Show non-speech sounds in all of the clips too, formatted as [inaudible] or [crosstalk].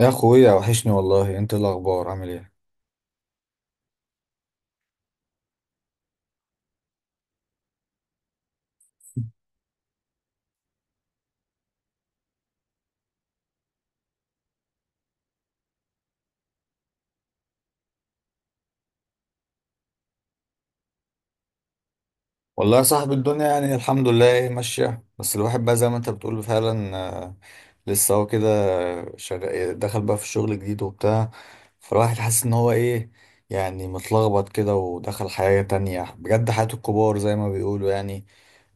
يا اخويا، وحشني والله. انت إيه الاخبار؟ عامل ايه؟ والله يا صاحبي، الدنيا يعني الحمد لله إيه ماشيه، بس الواحد بقى زي ما انت بتقول فعلا. آه، لسه هو كده. شغال، دخل بقى في الشغل جديد وبتاع. فالواحد حاسس ان هو ايه، يعني متلخبط كده، ودخل حياه تانية بجد، حياه الكبار زي ما بيقولوا يعني.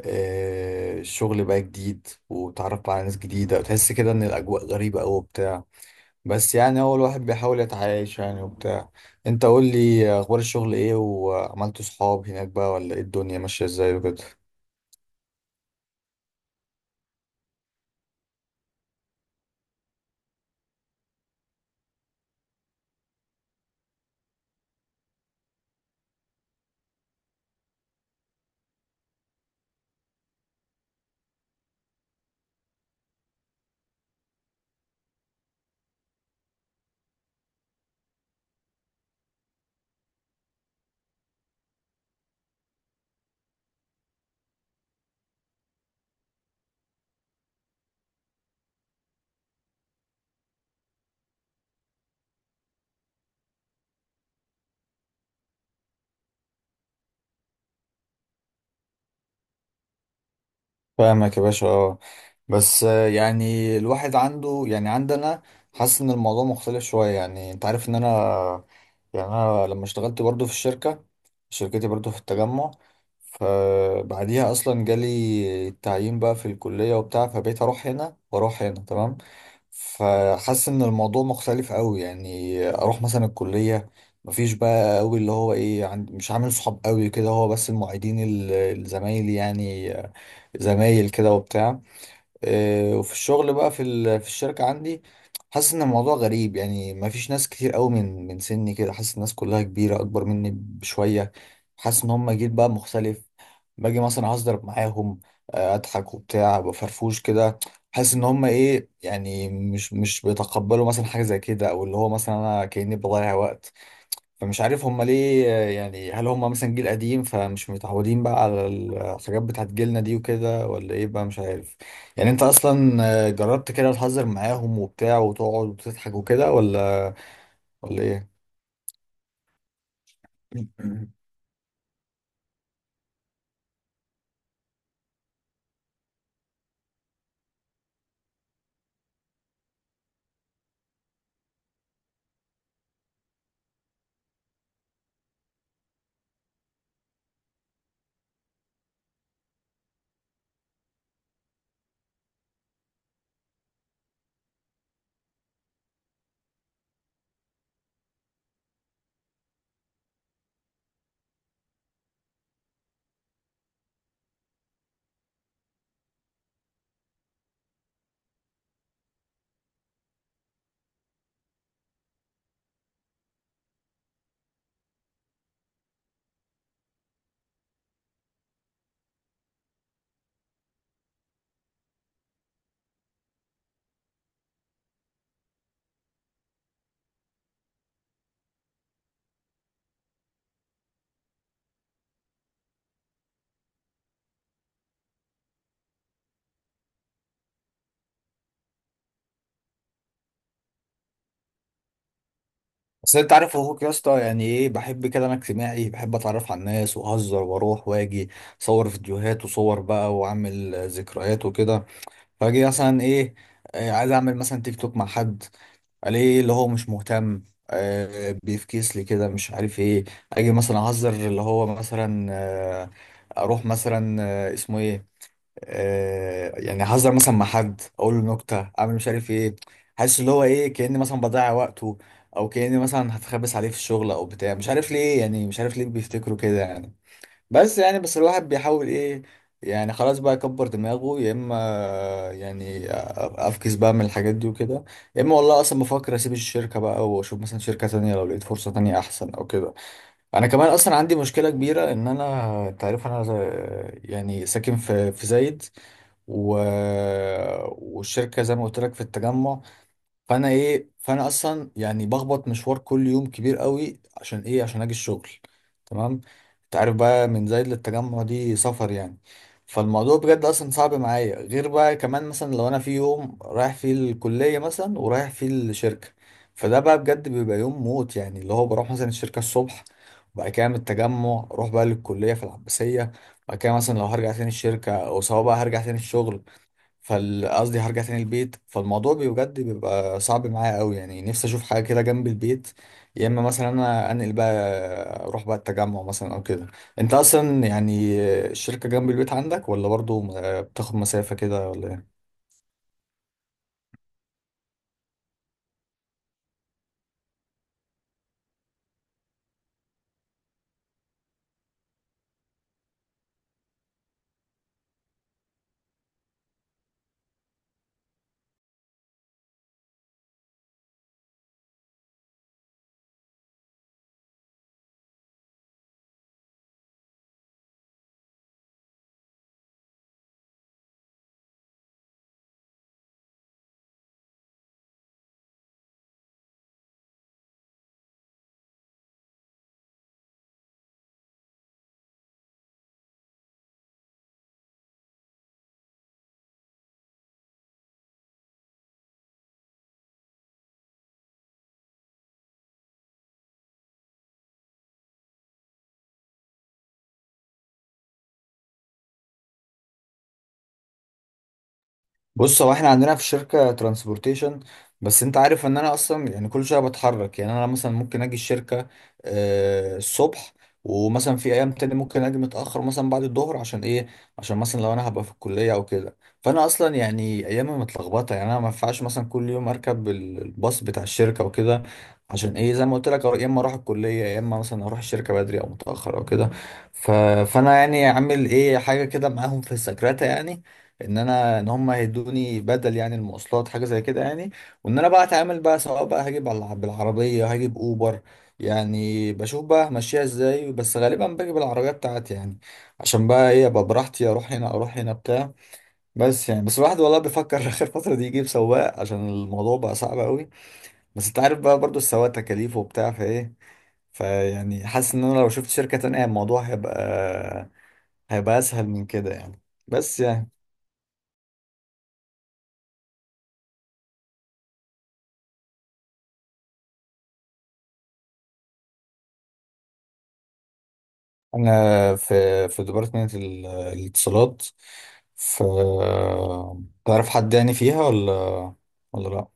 الشغل بقى جديد، وتعرف بقى على ناس جديده، وتحس كده ان الاجواء غريبه قوي. بس يعني هو الواحد بيحاول يتعايش يعني وبتاع. انت قول لي، اخبار الشغل ايه، وعملت صحاب هناك بقى ولا ايه؟ الدنيا ماشية ازاي وكده؟ فاهمك يا باشا، اه. بس يعني الواحد عنده، يعني عندنا، حاسس ان الموضوع مختلف شوية. يعني انت عارف ان انا، يعني انا لما اشتغلت برضو في الشركة، شركتي برضو في التجمع، فبعديها اصلا جالي التعيين بقى في الكلية وبتاع، فبقيت اروح هنا واروح هنا تمام. فحاسس ان الموضوع مختلف قوي، يعني اروح مثلا الكلية، مفيش بقى قوي اللي هو ايه، مش عامل صحاب قوي كده هو، بس المعيدين، الزمايل يعني، زمايل كده وبتاع. وفي الشغل بقى في في الشركة عندي، حاسس ان الموضوع غريب. يعني ما فيش ناس كتير قوي من سني كده، حاسس الناس كلها كبيرة اكبر مني بشوية، حاسس ان هم جيل بقى مختلف. باجي مثلا اصدر معاهم، اضحك وبتاع بفرفوش كده، حاسس ان هم ايه، يعني مش بيتقبلوا مثلا حاجة زي كده، او اللي هو مثلا انا كأني بضيع وقت. فمش عارف هم ليه يعني، هل هم مثلا جيل قديم فمش متعودين بقى على الحاجات بتاعت جيلنا دي وكده، ولا ايه بقى؟ مش عارف. يعني انت اصلا جربت كده تهزر معاهم وبتاع وتقعد وتضحك وكده، ولا ولا ايه؟ بس انت عارف اخوك يا اسطى، يعني ايه، بحب كده، انا اجتماعي، بحب اتعرف على الناس واهزر واروح واجي، اصور فيديوهات وصور بقى واعمل ذكريات وكده. فاجي مثلا ايه، عايز اعمل مثلا تيك توك مع حد، الاقيه اللي هو مش مهتم، بيفكيس لي كده مش عارف ايه. اجي مثلا اهزر اللي هو مثلا اروح مثلا اسمه ايه، يعني اهزر مثلا مع حد اقول له نكته، اعمل مش عارف ايه، حاسس اللي هو ايه كاني مثلا بضيع وقته، او كاني مثلا هتخبس عليه في الشغل او بتاع. مش عارف ليه، يعني مش عارف ليه بيفتكروا كده يعني. بس يعني، بس الواحد بيحاول ايه، يعني خلاص بقى يكبر دماغه، يا اما يعني افكس بقى من الحاجات دي وكده، يا اما والله اصلا بفكر اسيب الشركه بقى واشوف مثلا شركه تانية لو لقيت فرصه تانية احسن او كده. انا كمان اصلا عندي مشكله كبيره، ان انا، انت عارف انا يعني ساكن في زايد و... والشركه زي ما قلت لك في التجمع. فانا ايه، فانا اصلا يعني بخبط مشوار كل يوم كبير قوي، عشان ايه، عشان اجي الشغل، تمام؟ انت عارف بقى من زايد للتجمع دي سفر يعني. فالموضوع بجد اصلا صعب معايا، غير بقى كمان مثلا لو انا في يوم رايح فيه الكلية مثلا ورايح فيه الشركة، فده بقى بجد بيبقى يوم موت. يعني اللي هو بروح مثلا الشركة الصبح، وبعد كده من التجمع اروح بقى للكلية في العباسية، بعد كده مثلا لو هرجع تاني الشركة، او سواء بقى هرجع تاني الشغل، فقصدي هرجع تاني البيت. فالموضوع بجد بيبقى صعب معايا قوي. يعني نفسي اشوف حاجه كده جنب البيت، يا اما مثلا انا انقل بقى، اروح بقى التجمع مثلا او كده. انت اصلا يعني الشركه جنب البيت عندك، ولا برضو بتاخد مسافه كده ولا إيه؟ بص، هو احنا عندنا في الشركة ترانسبورتيشن، بس انت عارف ان انا اصلا يعني كل شوية بتحرك. يعني انا مثلا ممكن اجي الشركة الصبح، ومثلا في ايام تاني ممكن اجي متأخر مثلا بعد الظهر. عشان ايه؟ عشان مثلا لو انا هبقى في الكلية او كده، فانا اصلا يعني ايامي متلخبطة. يعني انا ما ينفعش مثلا كل يوم اركب الباص بتاع الشركة وكده، عشان ايه، زي ما قلت لك، يا اما اروح الكلية يا اما مثلا اروح الشركة بدري او متأخر او كده. ف... فانا يعني عامل ايه حاجة كده معاهم في السكرتة، يعني ان انا، ان هم هيدوني بدل يعني المواصلات حاجه زي كده يعني، وان انا بقى اتعامل بقى سواء بقى بالعربيه هجيب اوبر. يعني بشوف بقى همشيها ازاي، بس غالبا باجي بالعربيه بتاعتي يعني، عشان بقى ايه، ابقى براحتي، اروح هنا اروح هنا بتاع. بس يعني، بس الواحد والله بيفكر [laughs] اخر فتره دي يجيب سواق عشان الموضوع بقى صعب قوي. بس انت عارف بقى برضو السواق تكاليفه وبتاع فايه، فيعني حاسس ان انا لو شفت شركه تانية الموضوع هيبقى، هيبقى اسهل من كده يعني. بس يعني انا في ديبارتمنت الاتصالات، ف تعرف حد يعني فيها ولا، ولا لا؟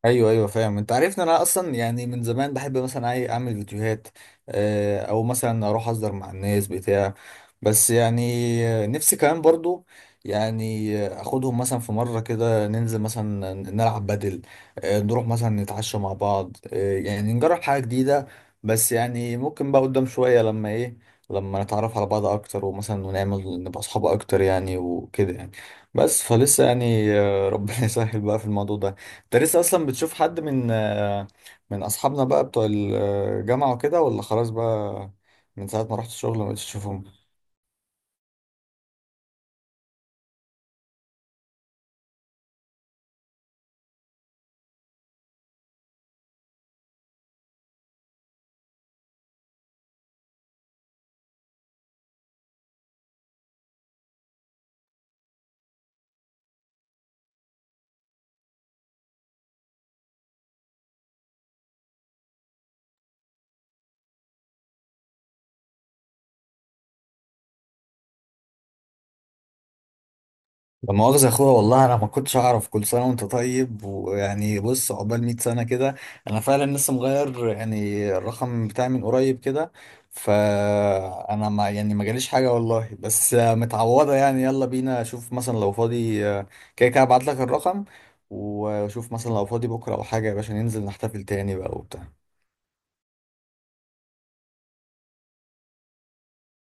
ايوه ايوه فاهم. انت عارف ان انا اصلا يعني من زمان بحب مثلا اعمل فيديوهات، او مثلا اروح اصدر مع الناس بتاع. بس يعني نفسي كمان برضو، يعني اخدهم مثلا في مره كده ننزل مثلا نلعب بدل، نروح مثلا نتعشى مع بعض، يعني نجرب حاجه جديده. بس يعني ممكن بقى قدام شويه لما ايه، لما نتعرف على بعض اكتر ومثلا، ونعمل نبقى اصحاب اكتر يعني وكده يعني. بس فلسه يعني ربنا [laughs] يسهل بقى في الموضوع ده. انت لسه اصلا بتشوف حد من من اصحابنا بقى بتوع الجامعه وكده، ولا خلاص بقى من ساعه ما رحت الشغل ما بقتش تشوفهم؟ لا مؤاخذه يا اخويا والله انا ما كنتش اعرف. كل سنه وانت طيب، ويعني بص، عقبال 100 سنه كده. انا فعلا لسه مغير يعني الرقم بتاعي من قريب كده، فانا ما يعني ما جاليش حاجه والله، بس متعوضه يعني. يلا بينا، اشوف مثلا لو فاضي كده كده ابعت لك الرقم، وشوف مثلا لو فاضي بكره او حاجه يا باشا ننزل نحتفل تاني بقى وبتاع.